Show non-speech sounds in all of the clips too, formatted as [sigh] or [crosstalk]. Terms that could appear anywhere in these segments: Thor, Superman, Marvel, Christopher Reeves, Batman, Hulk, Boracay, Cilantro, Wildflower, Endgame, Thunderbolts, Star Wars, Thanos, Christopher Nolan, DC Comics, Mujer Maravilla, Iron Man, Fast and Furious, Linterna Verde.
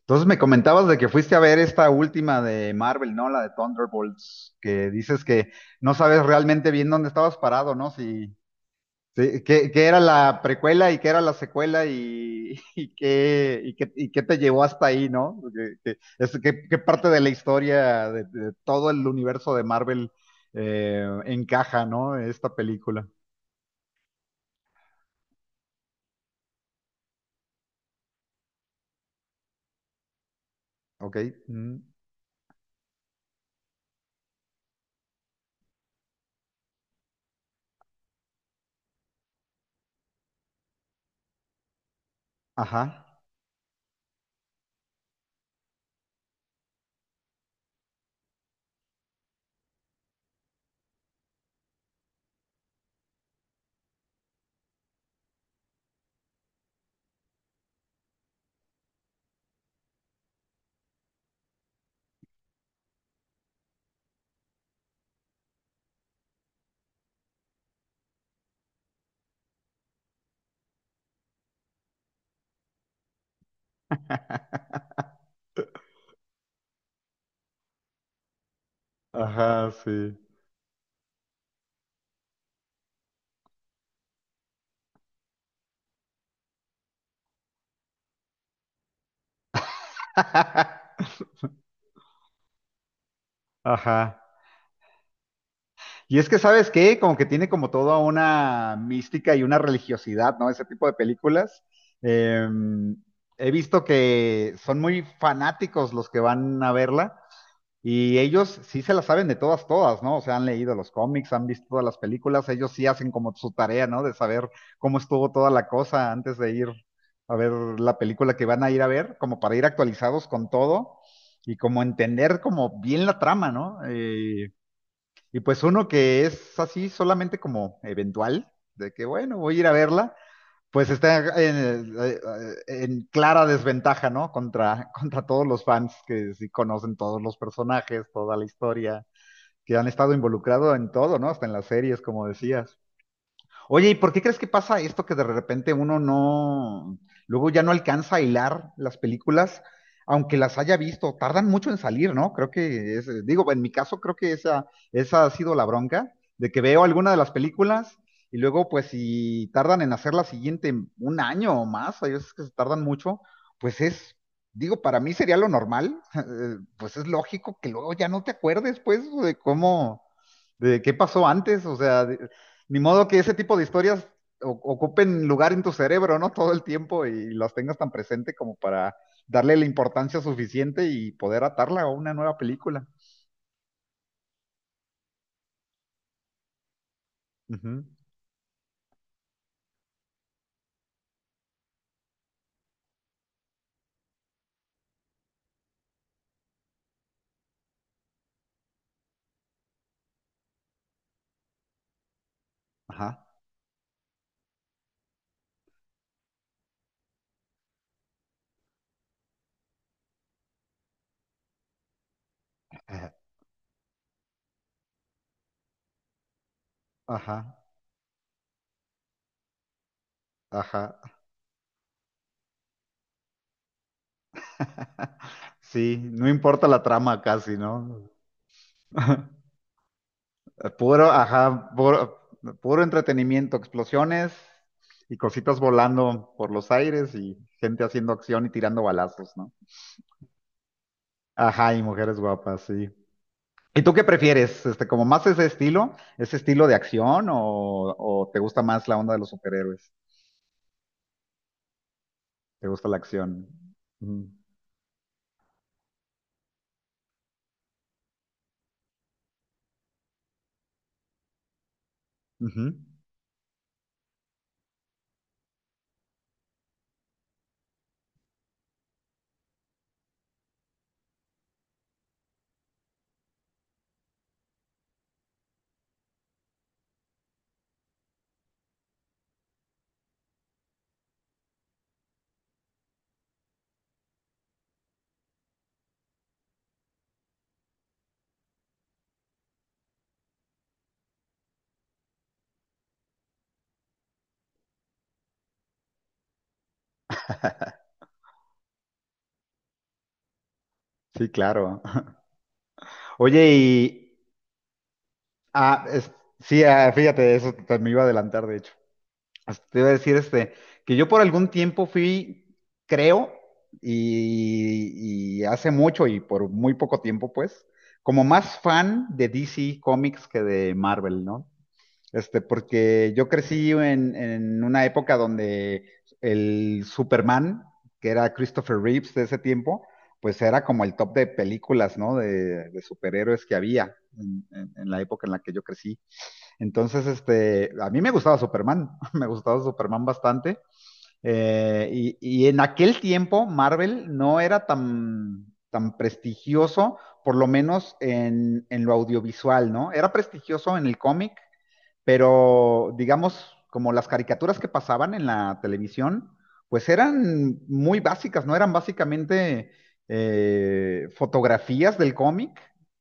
Entonces me comentabas de que fuiste a ver esta última de Marvel, ¿no? La de Thunderbolts, que dices que no sabes realmente bien dónde estabas parado, ¿no? Qué era la precuela y qué era la secuela [laughs] y qué te llevó hasta ahí, ¿no? Qué parte de la historia de todo el universo de Marvel encaja, ¿no? Esta película. Ok. mm, Ajá. Ajá, sí. [laughs] Ajá. Y es que, ¿sabes qué? Como que tiene como toda una mística y una religiosidad, ¿no? Ese tipo de películas. Eh, He visto que son muy fanáticos los que van a verla y ellos sí se la saben de todas, todas, ¿no? O sea, han leído los cómics, han visto todas las películas, ellos sí hacen como su tarea, ¿no? De saber cómo estuvo toda la cosa antes de ir a ver la película que van a ir a ver, como para ir actualizados con todo y como entender como bien la trama, ¿no? Y pues uno que es así solamente como eventual, de que bueno, voy a ir a verla, pues está en clara desventaja, ¿no? Contra, [laughs] contra todos los fans que sí conocen todos los personajes, toda la historia, que han estado involucrados en todo, ¿no? Hasta en las series, como decías. Oye, ¿y por qué crees que pasa esto que de repente uno no, luego ya no alcanza a hilar las películas, aunque las haya visto? Tardan mucho en salir, ¿no? Creo que es, digo, en mi caso creo que esa ha sido la bronca, de que veo alguna de las películas y luego pues si tardan en hacer la siguiente un año o más, hay veces que se tardan mucho, pues es, digo, para mí sería lo normal, [laughs] pues es lógico que luego ya no te acuerdes pues de cómo de qué pasó antes, o sea, ni modo que ese tipo de historias ocupen lugar en tu cerebro, ¿no? Todo el tiempo y las tengas tan presente como para darle la importancia suficiente y poder atarla a una nueva película. Ujú. Ajá, ajá, ajá. [laughs] Sí, no importa la trama casi, ¿no? [laughs] Puro, ajá, puro, puro entretenimiento, explosiones y cositas volando por los aires y gente haciendo acción y tirando balazos, ¿no? Ajá, y mujeres guapas, sí. ¿Y tú qué prefieres? Este, como más ese estilo de acción o, ¿o te gusta más la onda de los superhéroes? ¿Te gusta la acción? Mm, ujú. Sí, claro. [laughs] Oye, ah, es- sí, ah, fíjate, eso te, me iba a adelantar, de hecho. Hasta te iba a decir este, que yo por algún tiempo fui, creo, y hace mucho y por muy poco tiempo, pues, como más fan de DC Comics que de Marvel, ¿no? Este, porque yo crecí en una época donde el Superman, que era Christopher Reeves de ese tiempo, pues era como el top de películas, ¿no? De superhéroes que había en la época en la que yo crecí. Entonces, este, a mí me gustaba Superman, [laughs] me gustaba Superman bastante. Y, y en aquel tiempo Marvel no era tan, tan prestigioso, por lo menos en lo audiovisual, ¿no? Era prestigioso en el cómic, pero digamos, como las caricaturas que pasaban en la televisión, pues eran muy básicas, ¿no? Eran básicamente fotografías del cómic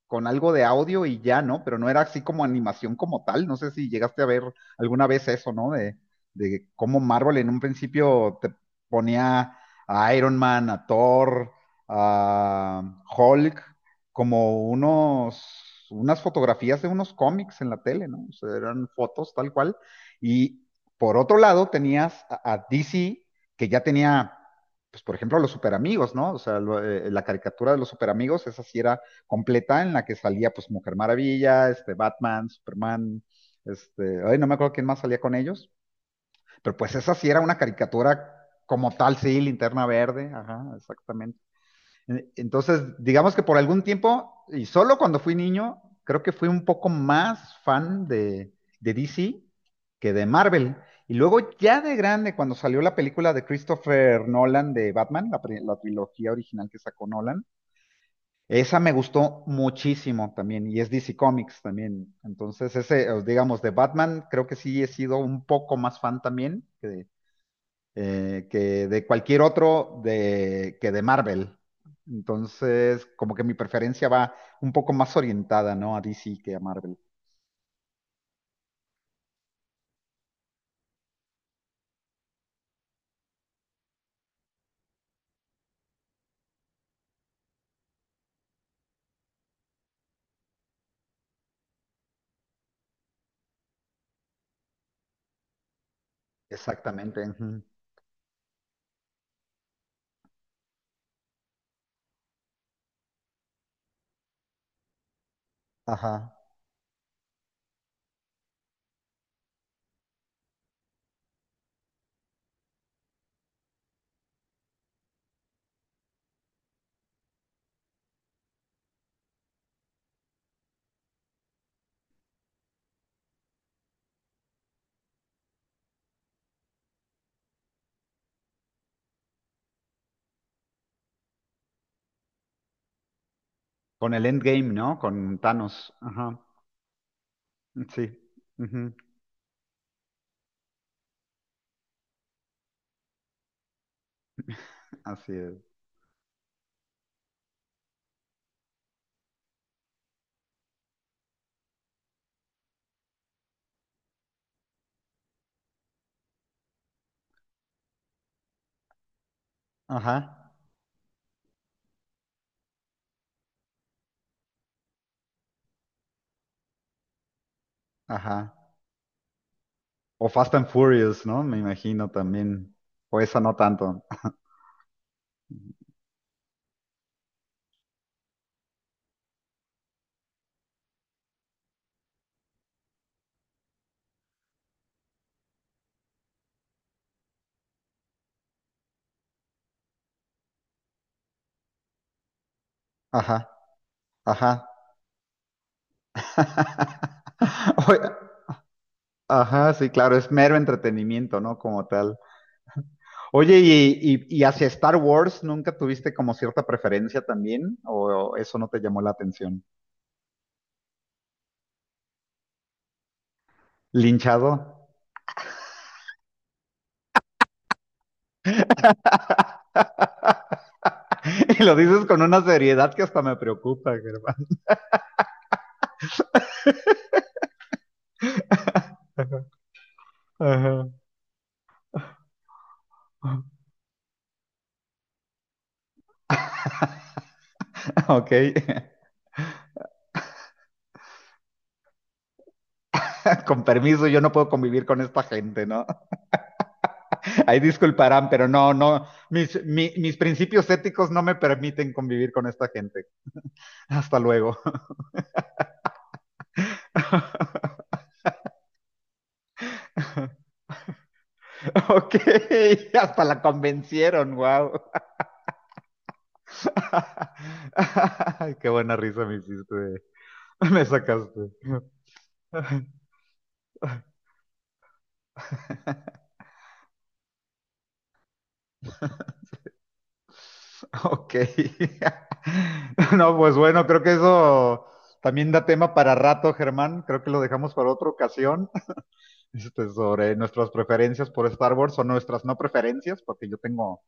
con algo de audio y ya, ¿no? Pero no era así como animación como tal. No sé si llegaste a ver alguna vez eso, ¿no? De cómo Marvel en un principio te ponía a Iron Man, a Thor, a Hulk, como unas fotografías de unos cómics en la tele, ¿no? O sea, eran fotos tal cual. Y por otro lado tenías a DC, que ya tenía, pues por ejemplo, a los superamigos, ¿no? O sea, la caricatura de los superamigos, esa sí era completa, en la que salía pues Mujer Maravilla, este, Batman, Superman, este, ay, no me acuerdo quién más salía con ellos, pero pues esa sí era una caricatura como tal, sí, Linterna Verde, ajá, exactamente. Entonces, digamos que por algún tiempo, y solo cuando fui niño, creo que fui un poco más fan de DC que de Marvel. Y luego ya de grande, cuando salió la película de Christopher Nolan de Batman, la trilogía original que sacó Nolan, esa me gustó muchísimo también, y es DC Comics también. Entonces, ese, digamos, de Batman, creo que sí he sido un poco más fan también que de cualquier otro de, que de Marvel. Entonces, como que mi preferencia va un poco más orientada, ¿no? A DC que a Marvel. Exactamente. Ujú. Ajá. Con el Endgame, ¿no? Con Thanos. Ajá. Sí. Ujú, así es. Ajá. Ajá. O Fast and Furious, ¿no? Me imagino también. O esa no tanto. Ajá. Ajá. [laughs] Oye, Ajá, sí, claro, es mero entretenimiento, ¿no? Como tal. Oye, y hacia Star Wars nunca tuviste como cierta preferencia también? ¿O eso no te llamó la atención? ¿Linchado? [laughs] Y lo dices con una seriedad que hasta me preocupa, Germán. Ajá. Ok, [laughs] con permiso, yo no puedo convivir con esta gente, ¿no? Ahí disculparán, pero no, no, mis principios éticos no me permiten convivir con esta gente. Hasta luego. [laughs] Ok, [laughs] hasta la convencieron, wow. [laughs] Qué buena risa me hiciste. [laughs] Me sacaste. [laughs] Ok. [laughs] No, pues bueno, creo que eso también da tema para rato, Germán. Creo que lo dejamos para otra ocasión. [laughs] Este, sobre nuestras preferencias por Star Wars o nuestras no preferencias, porque yo tengo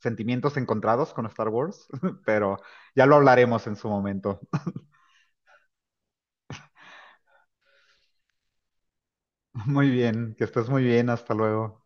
sentimientos encontrados con Star Wars, [laughs] pero ya lo hablaremos en su momento. [laughs] Muy bien, que estés muy bien. Hasta luego.